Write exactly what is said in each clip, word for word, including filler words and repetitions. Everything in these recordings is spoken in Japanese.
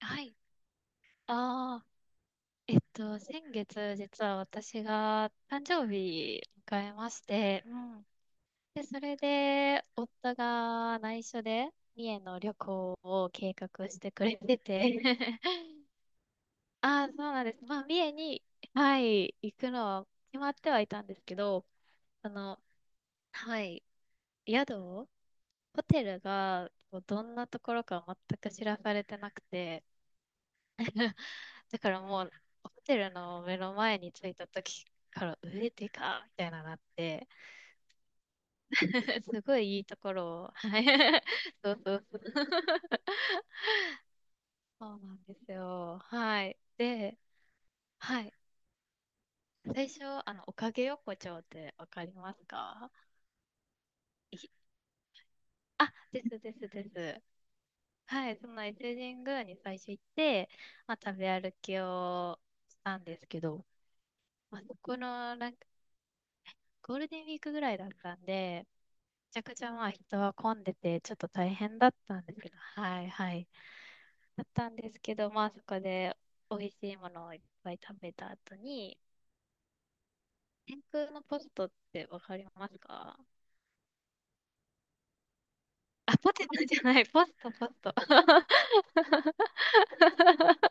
はい。ああ、えっと、先月、実は私が誕生日迎えまして、うん。で、それで、夫が内緒で、三重の旅行を計画してくれてて、ああ、そうなんです。まあ、三重に、はい、行くのは決まってはいたんですけど、あの、はい、宿を、ホテルが、どんなところか全く知らされてなくて、だからもう、ホテルの目の前に着いた時から、上でかみたいななって、すごいいいところを、はい。そうそうそう。そうなんですよ。はい。で、はい。最初、あの、おかげ横丁ってわかりますか？あ、ですですです。はい。その伊勢神宮に最初行って、まあ、食べ歩きをしたんですけど、まあ、そこの、なんか、ゴールデンウィークぐらいだったんで、めちゃくちゃまあ人は混んでてちょっと大変だったんですけど、はいはい。だったんですけど、まあそこで美味しいものをいっぱい食べた後に、天空のポストってわかりますか？あ、ポテトじゃない、ポスト、ポスト。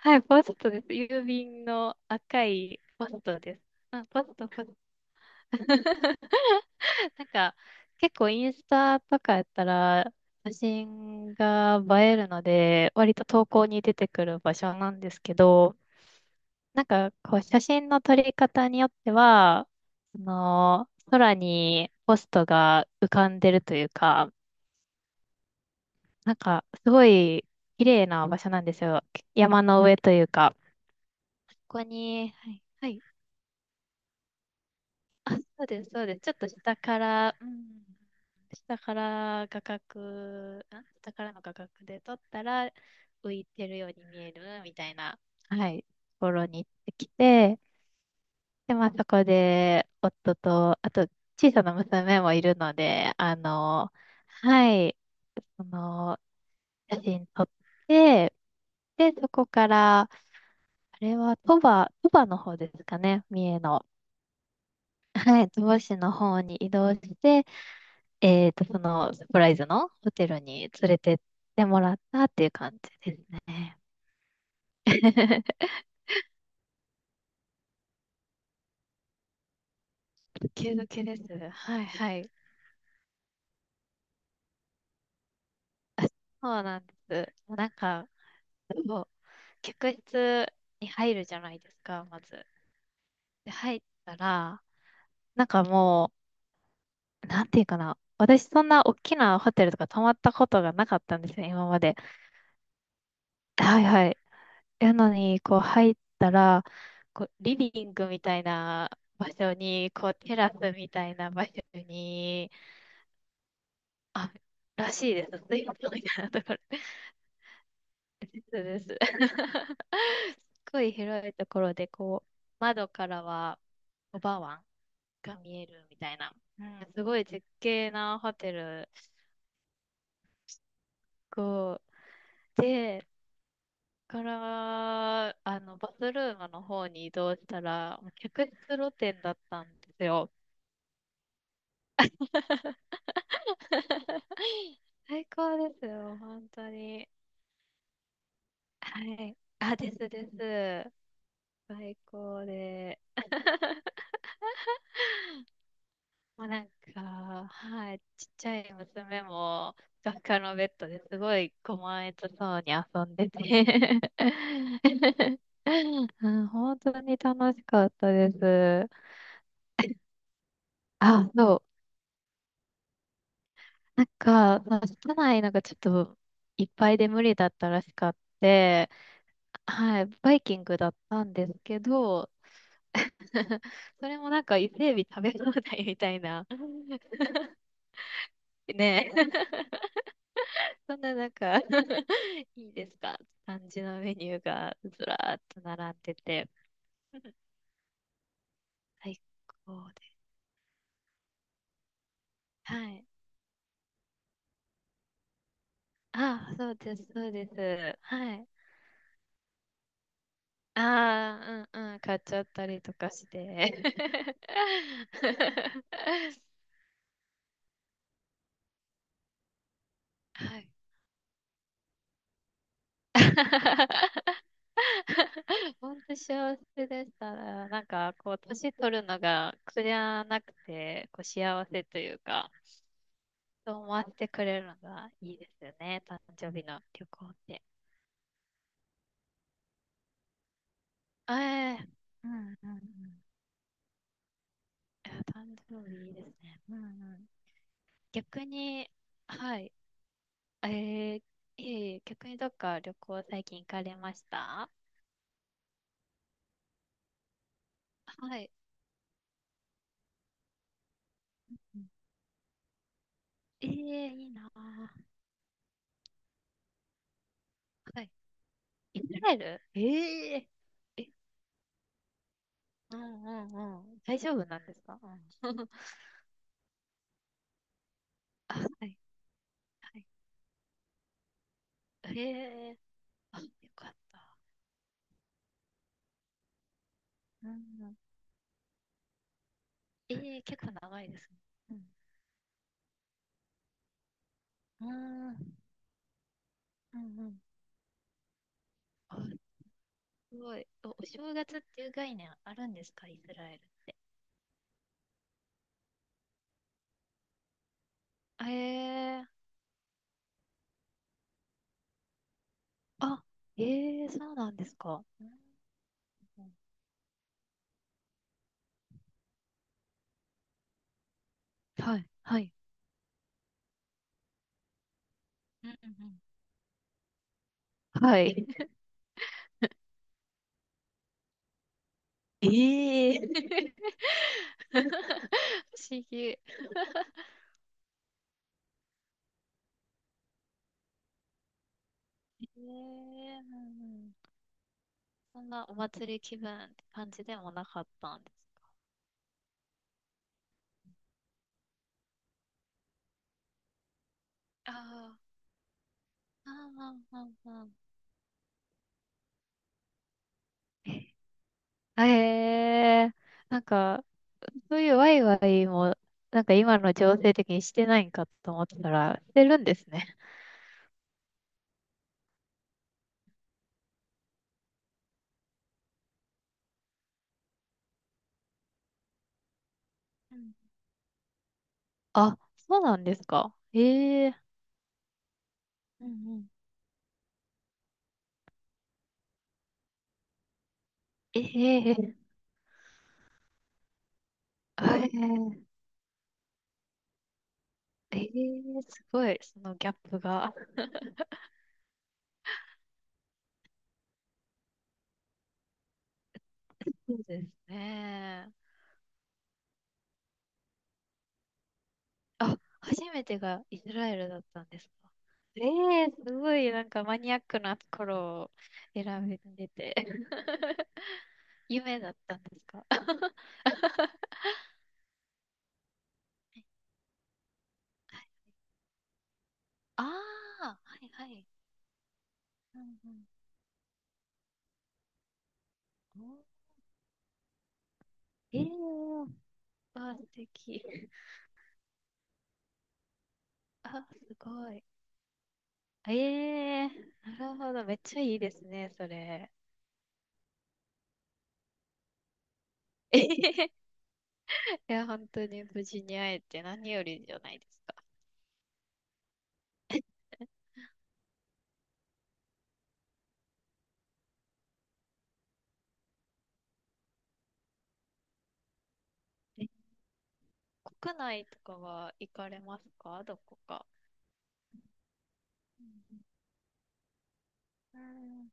はい、ポストです。郵便の赤いポストです。あ、ポスト、ポスト。なんか結構インスタとかやったら写真が映えるので、割と投稿に出てくる場所なんですけど、なんか、こう、写真の撮り方によっては、あの、空にポストが浮かんでるというか、なんか、すごい綺麗な場所なんですよ。山の上というか。ここに、はい、はい。あ、そうです、そうです。ちょっと下から、うん、下から画角、ん下からの画角で撮ったら浮いてるように見えるみたいな、はい、ところに行ってきて、で、まあそこで、夫と、あと、小さな娘もいるので、あの、はい、その、写真撮って、で、そこから、あれは鳥羽、鳥羽の方ですかね、三重の。はい、鳥羽市の方に移動して、えっと、その、サプライズのホテルに連れてってもらったっていう感じですね。ドキドキです。はいはい。あ、そうなんです。なんか、そう、客室に入るじゃないですか、まず。で、入ったら、なんかもう、なんていうかな。私そんな大きなホテルとか泊まったことがなかったんですよ、今まで。はいはい。やのに、こう入ったら、こうリビングみたいな場所に、こうテラスみたいな場所に、あ、らしいです。スイートみたいなところ。ですです。すっごい広いところで、こう、窓からは、おばわんが見えるみたいな、うん、すごい絶景なホテルこうでから、あの、バスルームの方に移動したらもう客室露天だったんですよ。 最高ですよ、本当に。はい。あ、ですです。最高で もうなんか、はい、ちっちゃい娘も、ふかふかのベッドですごい甘えとそうに遊んでて うん、本当に楽しかったです。あ、そう。なんか、その室内なんかちょっといっぱいで無理だったらしかって、はい、バイキングだったんですけど、それもなんか伊勢海老食べ放題みたいな。ねえ。そんななんか いいですか感じのメニューがずらーっと並んでて、最高です。はい。ああ、そうです、そうです。はい。ああ、うんうん、買っちゃったりとかして。はい。本当幸せでしたら、なんかこう、年取るのが苦じゃなくて、こう幸せというか。泊まってくれるのがいいですよね。誕生日の旅行って。ええ、うんうんうん。いや、誕生日いいですね。うんうん。逆に、はい。えー、ええ、逆にどっか旅行最近行かれました？はい。うん、ええ、いいなぁ。はい。イスラエル、ええ。え、うんうんうん。大丈夫なんですか？うん。あ、はい。はい。ええ、あ、よかった。うんうん。ええ、結構長いですね。うんうん。うんうん。あ、すごい。お、お正月っていう概念あるんですか、イスラエル？えー、あ、えー、そうなんですか。うんうん。はい、はい、うんうん、はうん。い。ええ。 不思議。えー、うんうん。そんなお祭り気分って感じでもなかったんですか？ああ、ああああああ、ええー、なんか、そういうワイワイも、なんか今の情勢的にしてないんかと思ったら、してるんですね。うん、あ、そうなんですか。ええ、うんうん、ええ、あ、ええええ、すごい、そのギャップが。そうですね。あ、初めてがイスラエルだったんですか？ええ、すごい、なんかマニアックなところを選んでて。夢だったんですか？ああ、はいはい。うんうん、ええー、わあ、素敵。あ、すごい。ええー、なるほど。めっちゃいいですね、それ。えへへ、いや、本当に無事に会えて何よりじゃないですか。え、国内とかは行かれますか、どこか？うんうん、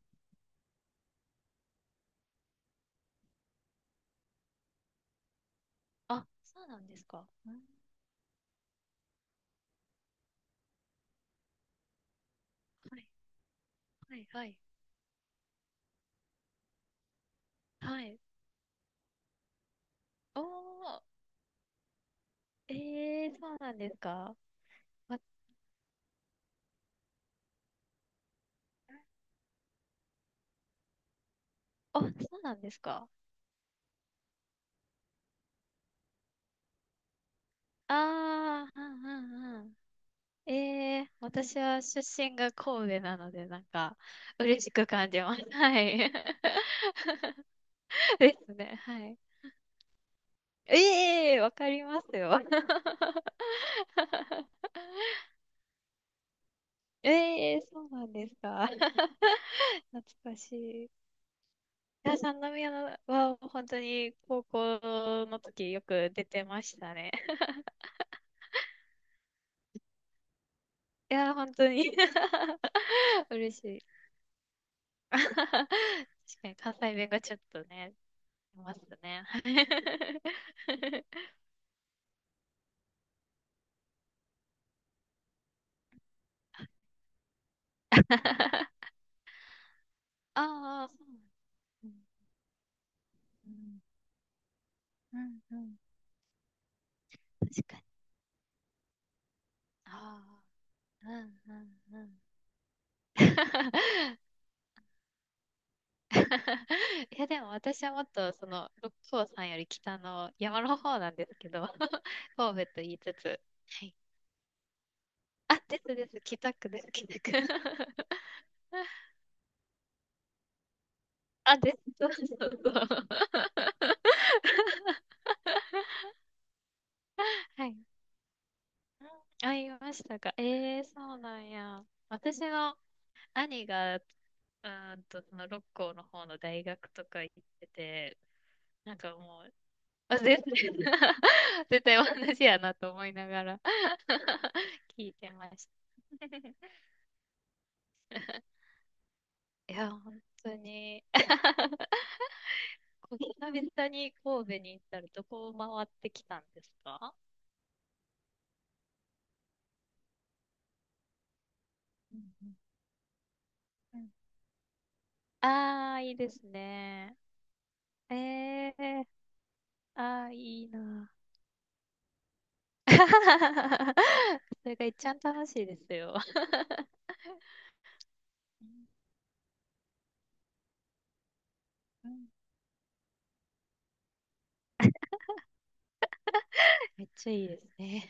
あ、そうなんですか。うん、はいはいはいはい、おー、えー、そうなんですか、ああ、そうなんですか。ああ、うんうんうん。ええ、私は出身が神戸なので、なんか、嬉しく感じます。はい。ですね。はい。ええ、わかりますよ。ええ、そうなんですか。懐かしい。いや、三宮は本当に高校の時よく出てましたね。いや、本当に 嬉しい。確かに関西弁がちょっとね、出ますね。ああ、そうなんですね。うん、うん、うん。確かに。ああ、うん、うん、うん。いや、でも私はもっと、その、六甲山より北の山の方なんですけど、神戸と言いつつ。はい。あ、ですです。北区です、北区。あ、です。そうそうそう。はい。うん、あ、言いましたか。ええー、そうなんや。私の兄が、うーんと、その六甲の方の大学とか行ってて、なんかもう、あ、全然 絶対同じやなと思いながら 聞いてました。いや、本当に、こう久々に神戸に行ったらどこを回ってきたんですか？うんうんうん、ああ、いいですね。ええー、ああ、いいな。それが一番楽しいですよ。うん、めっちゃいいですね。